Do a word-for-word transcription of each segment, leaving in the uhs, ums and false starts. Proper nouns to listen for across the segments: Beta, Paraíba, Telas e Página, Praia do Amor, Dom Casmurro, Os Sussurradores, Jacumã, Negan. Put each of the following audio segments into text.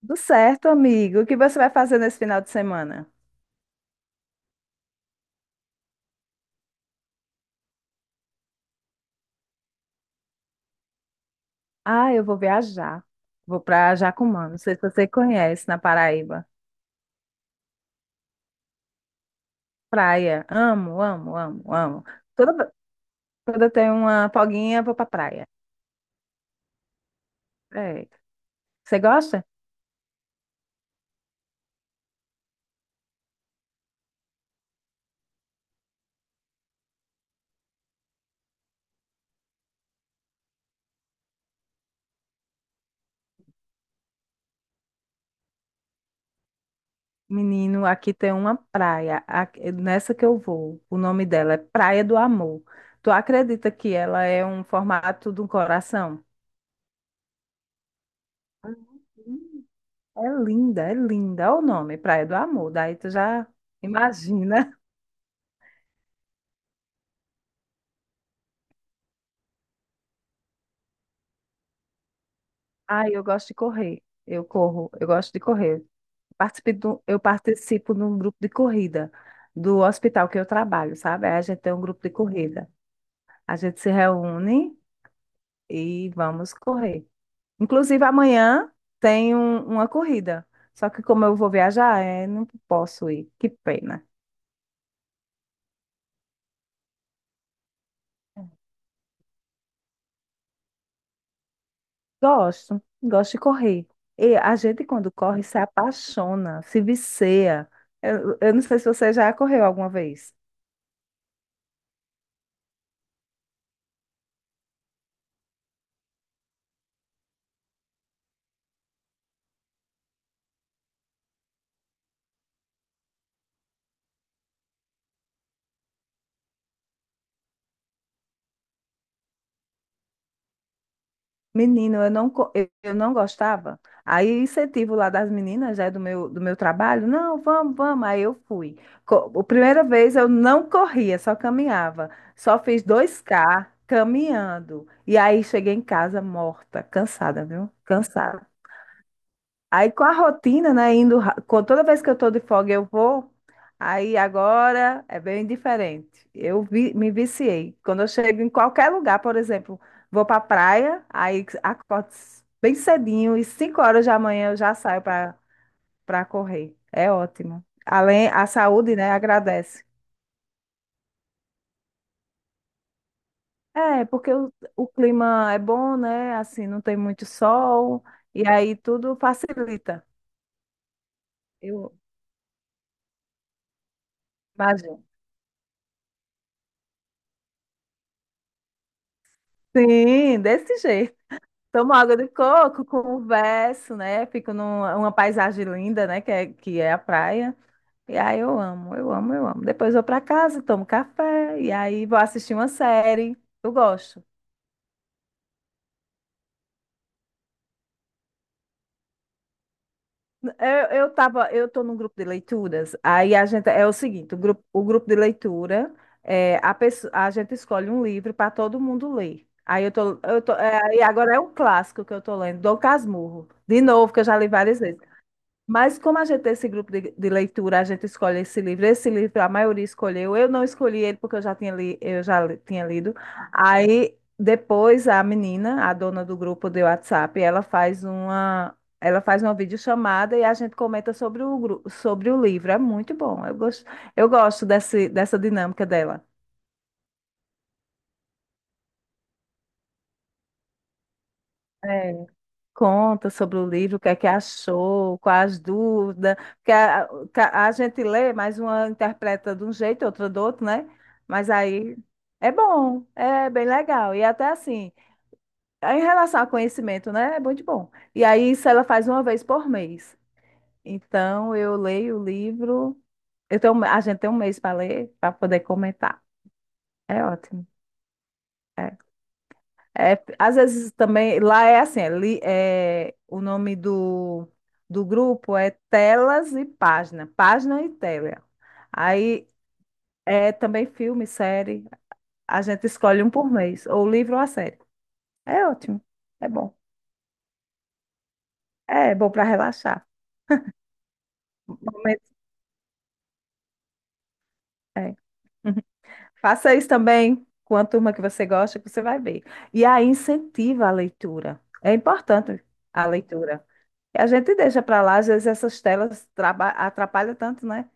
Tudo certo, amigo. O que você vai fazer nesse final de semana? Ah, eu vou viajar. Vou pra Jacumã. Não sei se você conhece, na Paraíba. Praia. Amo, amo, amo, amo. Toda, toda eu tenho uma folguinha, vou pra praia. É. Você gosta? Menino, aqui tem uma praia, a- nessa que eu vou. O nome dela é Praia do Amor. Tu acredita que ela é um formato de um coração? Hum. É linda, é linda. Olha o nome, Praia do Amor. Daí tu já imagina. Ah, eu gosto de correr. Eu corro, eu gosto de correr. Participo do- eu participo de um grupo de corrida do hospital que eu trabalho, sabe? Aí a gente tem um grupo de corrida. A gente se reúne e vamos correr. Inclusive, amanhã tem um- uma corrida. Só que como eu vou viajar, é, não posso ir. Que pena. Gosto, gosto de correr. E a gente, quando corre, se apaixona, se vicia. Eu, eu não sei se você já correu alguma vez. Menino, eu não, co- eu eu não gostava. Aí o incentivo lá das meninas, né, do meu, do meu trabalho, não, vamos, vamos. Aí eu fui. Co- A primeira vez eu não corria, só caminhava. Só fiz dois k caminhando. E aí cheguei em casa morta, cansada, viu? Cansada. Aí com a rotina, né, indo, ra- com toda vez que eu tô de folga eu vou, aí agora é bem diferente. Eu vi- me viciei. Quando eu chego em qualquer lugar, por exemplo, vou pra praia, aí acordo c- bem cedinho e cinco horas da manhã eu já saio para para correr. É ótimo. Além, a saúde, né, agradece. É, porque o, o clima é bom, né, assim, não tem muito sol, e aí tudo facilita. Eu imagino. Sim, desse jeito. Tomo água de coco, converso, né? Fico numa uma paisagem linda, né? Que é, que é a praia. E aí eu amo, eu amo, eu amo. Depois vou para casa, tomo café, e aí vou assistir uma série. Eu gosto. Eu, eu tava, eu tô num grupo de leituras, aí a gente, é o seguinte, o grupo, o grupo de leitura, é, a, pesso- a gente escolhe um livro para todo mundo ler. Aí eu tô, eu tô, é, e agora é um clássico que eu tô lendo, Dom Casmurro, de novo, que eu já li várias vezes. Mas como a gente tem esse grupo de, de leitura, a gente escolhe esse livro. Esse livro a maioria escolheu. Eu não escolhi ele porque eu já tinha, li, eu já li- tinha lido. Aí depois a menina, a dona do grupo de WhatsApp, ela faz uma, ela faz uma videochamada e a gente comenta sobre o, gru- sobre o livro. É muito bom. Eu gosto, eu gosto desse, dessa dinâmica dela. Conta sobre o livro, o que é que achou, quais as dúvidas, porque a, a a gente lê, mas uma interpreta de um jeito, outra do outro, né? Mas aí é bom, é bem legal. E até assim, em relação ao conhecimento, né? É muito bom. E aí isso ela faz uma vez por mês. Então eu leio o livro, eu tenho, a gente tem um mês para ler, para poder comentar. É ótimo. é É, às vezes também, lá é assim, é, li- é, o nome do, do grupo é Telas e Página, Página e Tela. Aí é também filme, série, a gente escolhe um por mês, ou livro ou a série. É ótimo, é bom. É, bom para relaxar. Momento- é. Faça isso também com a turma que você gosta, que você vai ver. E aí incentiva a leitura. É importante a leitura. E a gente deixa para lá, às vezes essas telas traba- atrapalham tanto, né?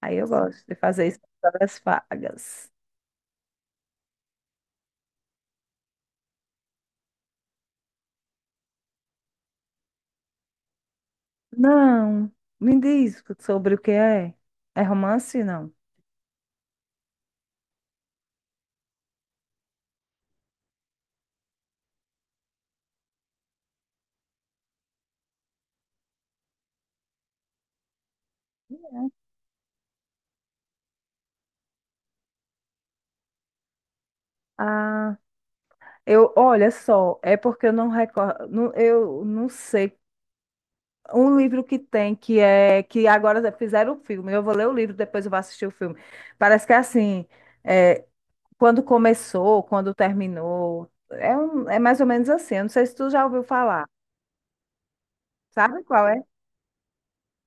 Aí eu gosto de fazer isso nas horas vagas. Não, me diz sobre o que é. É romance, não? Ah, eu, olha só, é porque eu não recordo, não- eu não sei. Um livro que tem, que é, que agora fizeram o filme, eu vou ler o livro, depois eu vou assistir o filme. Parece que é assim, é, quando começou, quando terminou, é, um, é mais ou menos assim, eu não sei se tu já ouviu falar. Sabe qual é?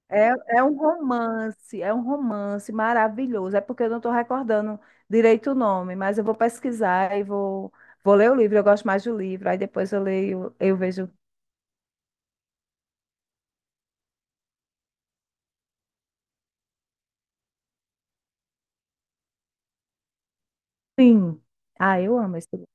É, é um romance, é um romance maravilhoso. É porque eu não estou recordando direito o nome, mas eu vou pesquisar e vou, vou, ler o livro. Eu gosto mais do livro. Aí depois eu leio, eu vejo Sim. Ah, eu amo esse livro.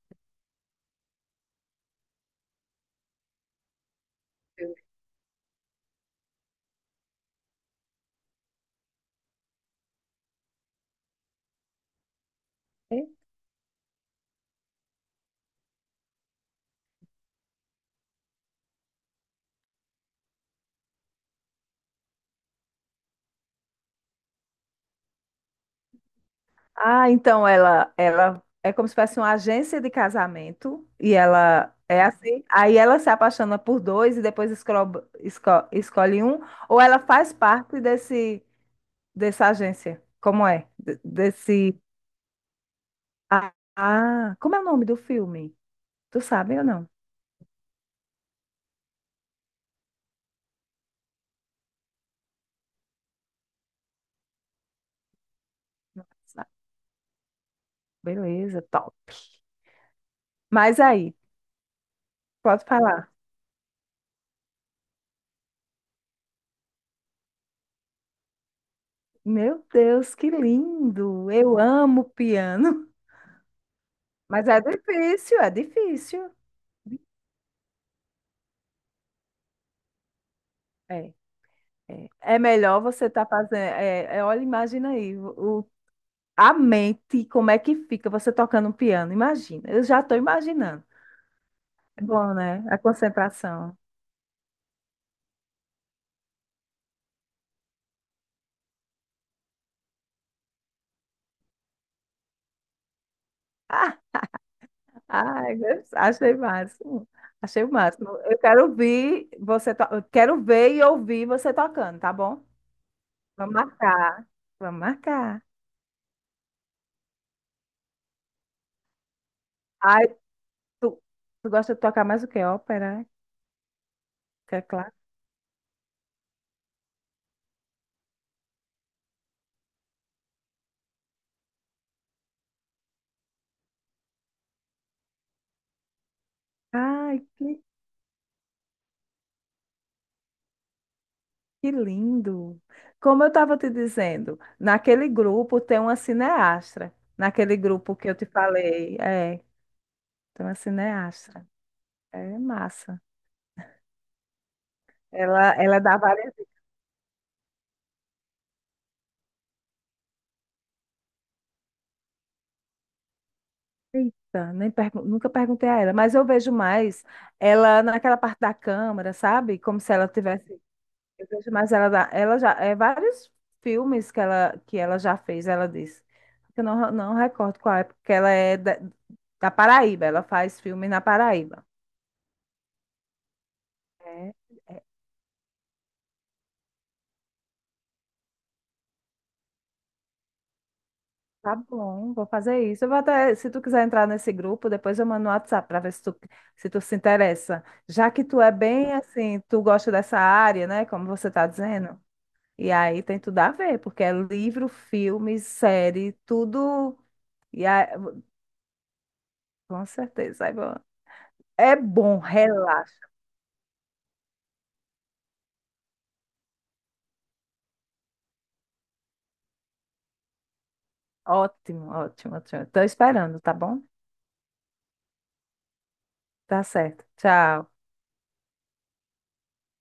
Ah, então ela, ela é como se fosse uma agência de casamento e ela é assim. Aí ela se apaixona por dois e depois escro- esco- escolhe um. Ou ela faz parte desse dessa agência? Como é? De- Desse Ah, ah, como é o nome do filme? Tu sabe ou não? Não sabe. Beleza, top. Mas aí, pode falar. Meu Deus, que lindo! Eu amo piano. Mas é difícil, é difícil. É, é. É melhor você estar fazendo. É, é, olha, imagina aí, o, o- a mente, como é que fica você tocando um piano? Imagina, eu já estou imaginando. É bom, né? A concentração. Ai, gos- achei máximo. Achei o máximo. Eu quero ouvir você, to... eu quero ver e ouvir você tocando, tá bom? Vamos marcar. Vamos marcar. Ai, tu, tu gosta de tocar mais o que? Ópera? Teclado? Ai, que, que lindo! Como eu estava te dizendo, naquele grupo tem uma cineastra. Naquele grupo que eu te falei, é, tem uma cineastra. É massa. Ela, ela dá várias. Eita, nem pergun- nunca perguntei a ela, mas eu vejo mais ela naquela parte da câmara, sabe? Como se ela tivesse. Eu vejo mais ela da, ela já é vários filmes que ela que ela já fez, ela disse. Eu não, não recordo qual é, porque ela é da, da Paraíba, ela faz filme na Paraíba. É, é, tá bom, vou fazer isso. Eu vou até, se tu quiser entrar nesse grupo, depois eu mando no WhatsApp para ver se tu, se tu se interessa. Já que tu é bem assim, tu gosta dessa área, né? Como você está dizendo. E aí tem tudo a ver, porque é livro, filme, série, tudo. E aí, com certeza. aí vou- É bom, relaxa. Ótimo, ótimo, ótimo. Estou esperando, tá bom? Tá certo. Tchau.